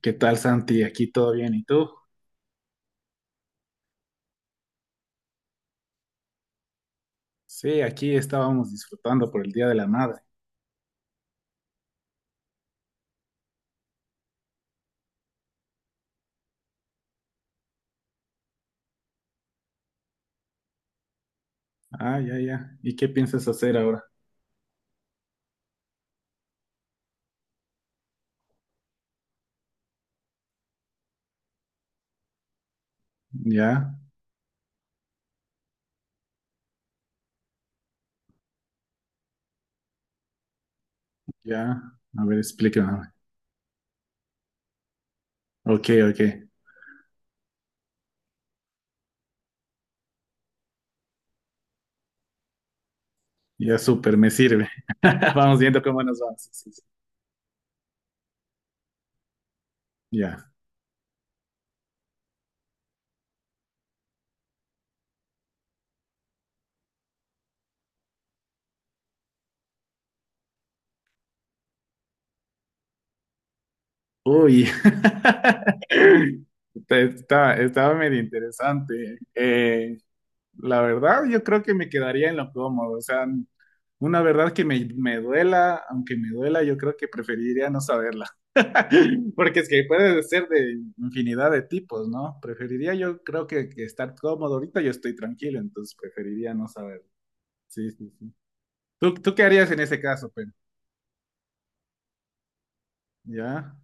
¿Qué tal, Santi? ¿Aquí todo bien? ¿Y tú? Sí, aquí estábamos disfrutando por el Día de la Madre. Ah, ya, ya. ¿Y qué piensas hacer ahora? Ya, ya. A ver, explícame. Ok, ok. Ya, súper, me sirve. Vamos viendo cómo nos vamos. Sí, sí, sí. Ya. Uy. Estaba medio interesante. La verdad, yo creo que me quedaría en lo cómodo. O sea, una verdad que me duela, aunque me duela, yo creo que preferiría no saberla. Porque es que puede ser de infinidad de tipos, ¿no? Preferiría yo, creo que estar cómodo. Ahorita yo estoy tranquilo, entonces preferiría no saber. Sí, sí, sí. ¿Tú qué harías en ese caso? Pero ¿ya?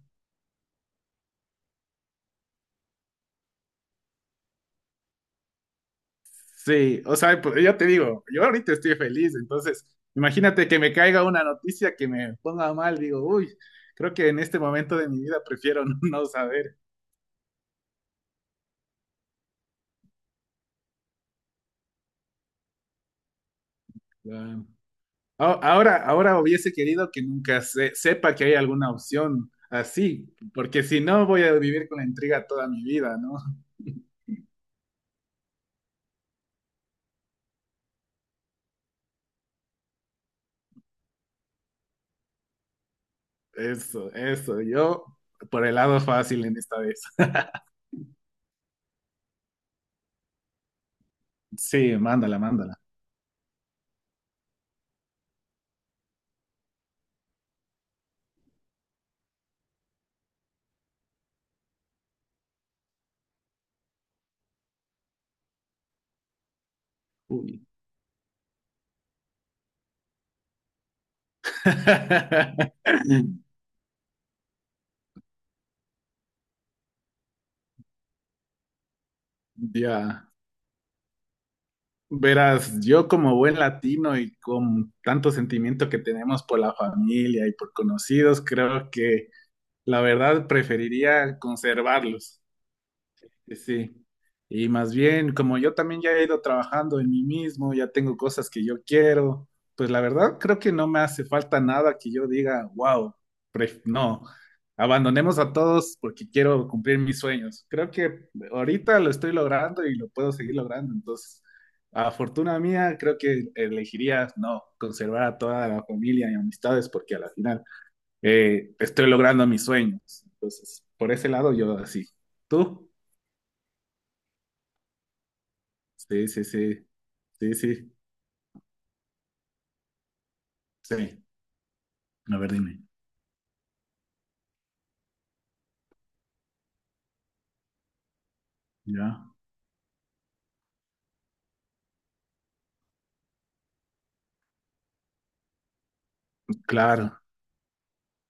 Sí, o sea, pues, yo te digo, yo ahorita estoy feliz, entonces imagínate que me caiga una noticia que me ponga mal, digo, uy, creo que en este momento de mi vida prefiero no saber. Ahora, ahora hubiese querido que nunca sepa que hay alguna opción así, porque si no voy a vivir con la intriga toda mi vida, ¿no? Eso, yo por el lado fácil en esta vez. Sí, mándala, mándala. Uy. Ya. Verás, yo como buen latino y con tanto sentimiento que tenemos por la familia y por conocidos, creo que la verdad preferiría conservarlos. Sí, sí. Y más bien, como yo también ya he ido trabajando en mí mismo, ya tengo cosas que yo quiero, pues la verdad creo que no me hace falta nada que yo diga, wow, no, abandonemos a todos porque quiero cumplir mis sueños. Creo que ahorita lo estoy logrando y lo puedo seguir logrando. Entonces, a fortuna mía, creo que elegiría no, conservar a toda la familia y amistades porque a la final estoy logrando mis sueños. Entonces, por ese lado yo así. ¿Tú? Sí, sí, sí, sí, sí, sí. A ver, dime. Ya. Claro.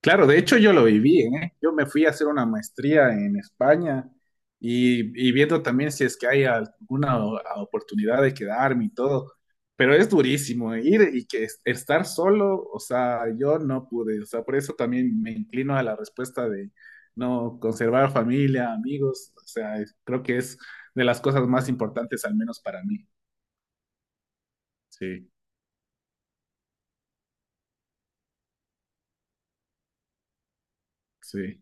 Claro, de hecho yo lo viví, ¿eh? Yo me fui a hacer una maestría en España y viendo también si es que hay alguna oportunidad de quedarme y todo. Pero es durísimo, ¿eh? Ir y que estar solo, o sea, yo no pude, o sea, por eso también me inclino a la respuesta de no conservar familia, amigos, o sea, creo que es de las cosas más importantes, al menos para mí. Sí, sí,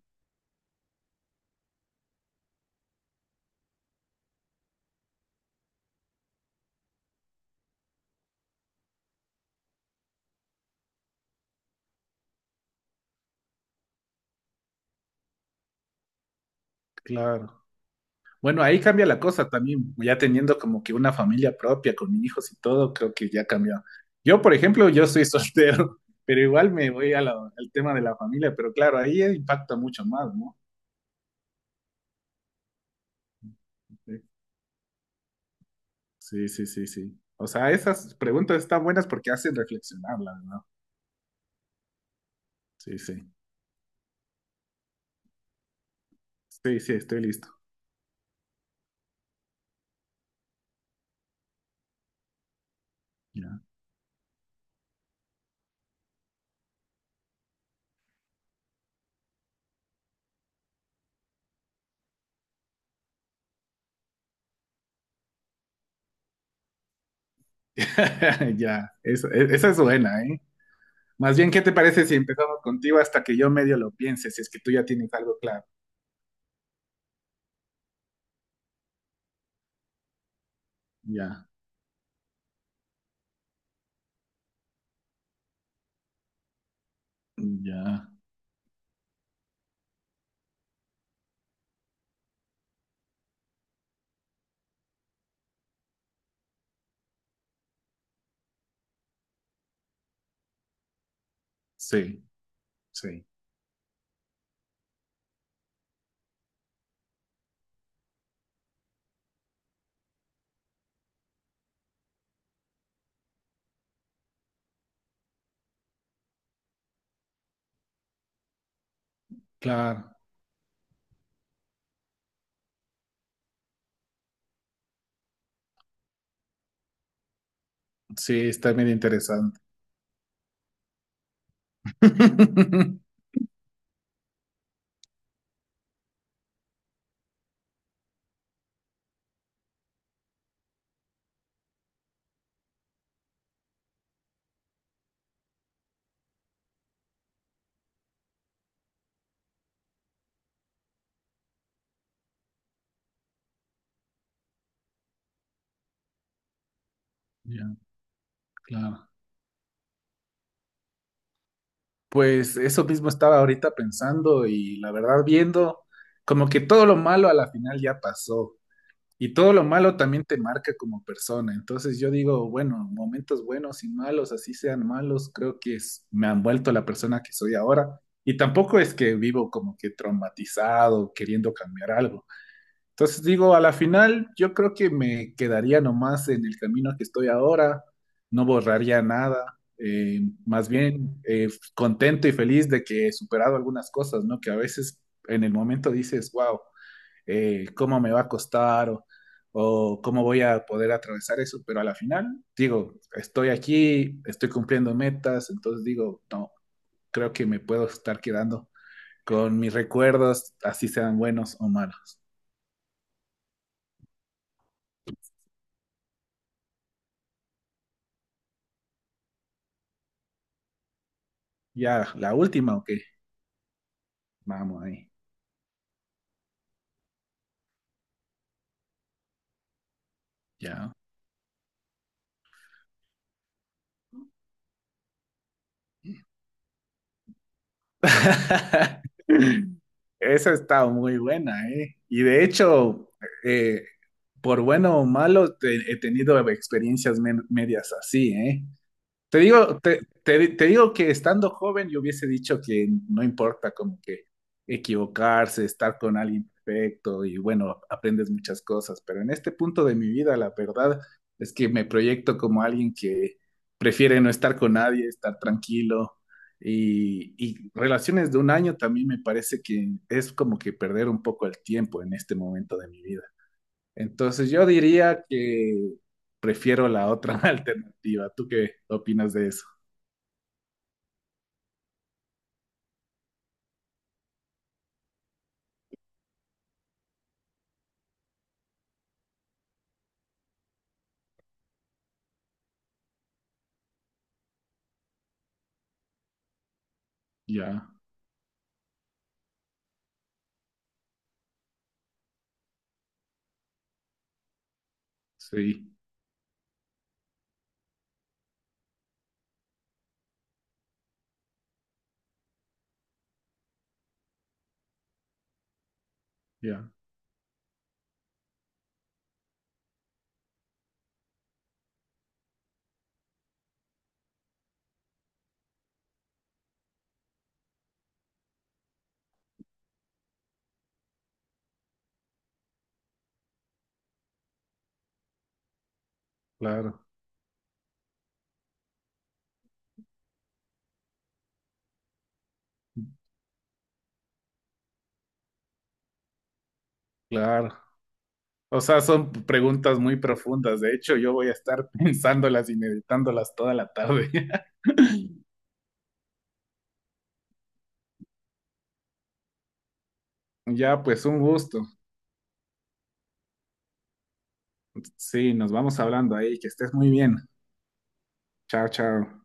claro. Bueno, ahí cambia la cosa también, ya teniendo como que una familia propia con hijos y todo, creo que ya cambió. Yo, por ejemplo, yo soy soltero, pero igual me voy a al tema de la familia, pero claro, ahí impacta mucho más, ¿no? Sí, sí, sí, sí. O sea, esas preguntas están buenas porque hacen reflexionar, la verdad. Sí, sí. Sí, sí, estoy listo. Ya. Ya, esa es buena, ¿eh? Más bien, ¿qué te parece si empezamos contigo hasta que yo medio lo piense, si es que tú ya tienes algo claro? Ya, ya, sí. Sí, claro. Sí, está medio interesante. Ya, claro. Pues eso mismo estaba ahorita pensando y la verdad viendo como que todo lo malo a la final ya pasó y todo lo malo también te marca como persona. Entonces yo digo, bueno, momentos buenos y malos, así sean malos, creo que me han vuelto la persona que soy ahora. Y tampoco es que vivo como que traumatizado, queriendo cambiar algo. Entonces digo, a la final yo creo que me quedaría nomás en el camino que estoy ahora, no borraría nada, más bien contento y feliz de que he superado algunas cosas, ¿no? Que a veces en el momento dices, wow, ¿cómo me va a costar? O cómo voy a poder atravesar eso, pero a la final digo, estoy aquí, estoy cumpliendo metas, entonces digo, no, creo que me puedo estar quedando con mis recuerdos, así sean buenos o malos. Ya, la última, ok. Vamos ahí, ya. Esa está muy buena, ¿eh? Y de hecho, eh, por bueno o malo, he tenido experiencias medias así, ¿eh? Te digo, te digo que estando joven yo hubiese dicho que no importa como que equivocarse, estar con alguien perfecto y bueno, aprendes muchas cosas, pero en este punto de mi vida la verdad es que me proyecto como alguien que prefiere no estar con nadie, estar tranquilo y relaciones de un año también me parece que es como que perder un poco el tiempo en este momento de mi vida. Entonces yo diría que prefiero la otra alternativa. ¿Tú qué opinas de eso? Ya, sí, ya, claro, claro. O sea, son preguntas muy profundas. De hecho, yo voy a estar pensándolas y meditándolas toda la tarde. Ya, pues un gusto. Sí, nos vamos hablando ahí. Que estés muy bien. Chao, chao.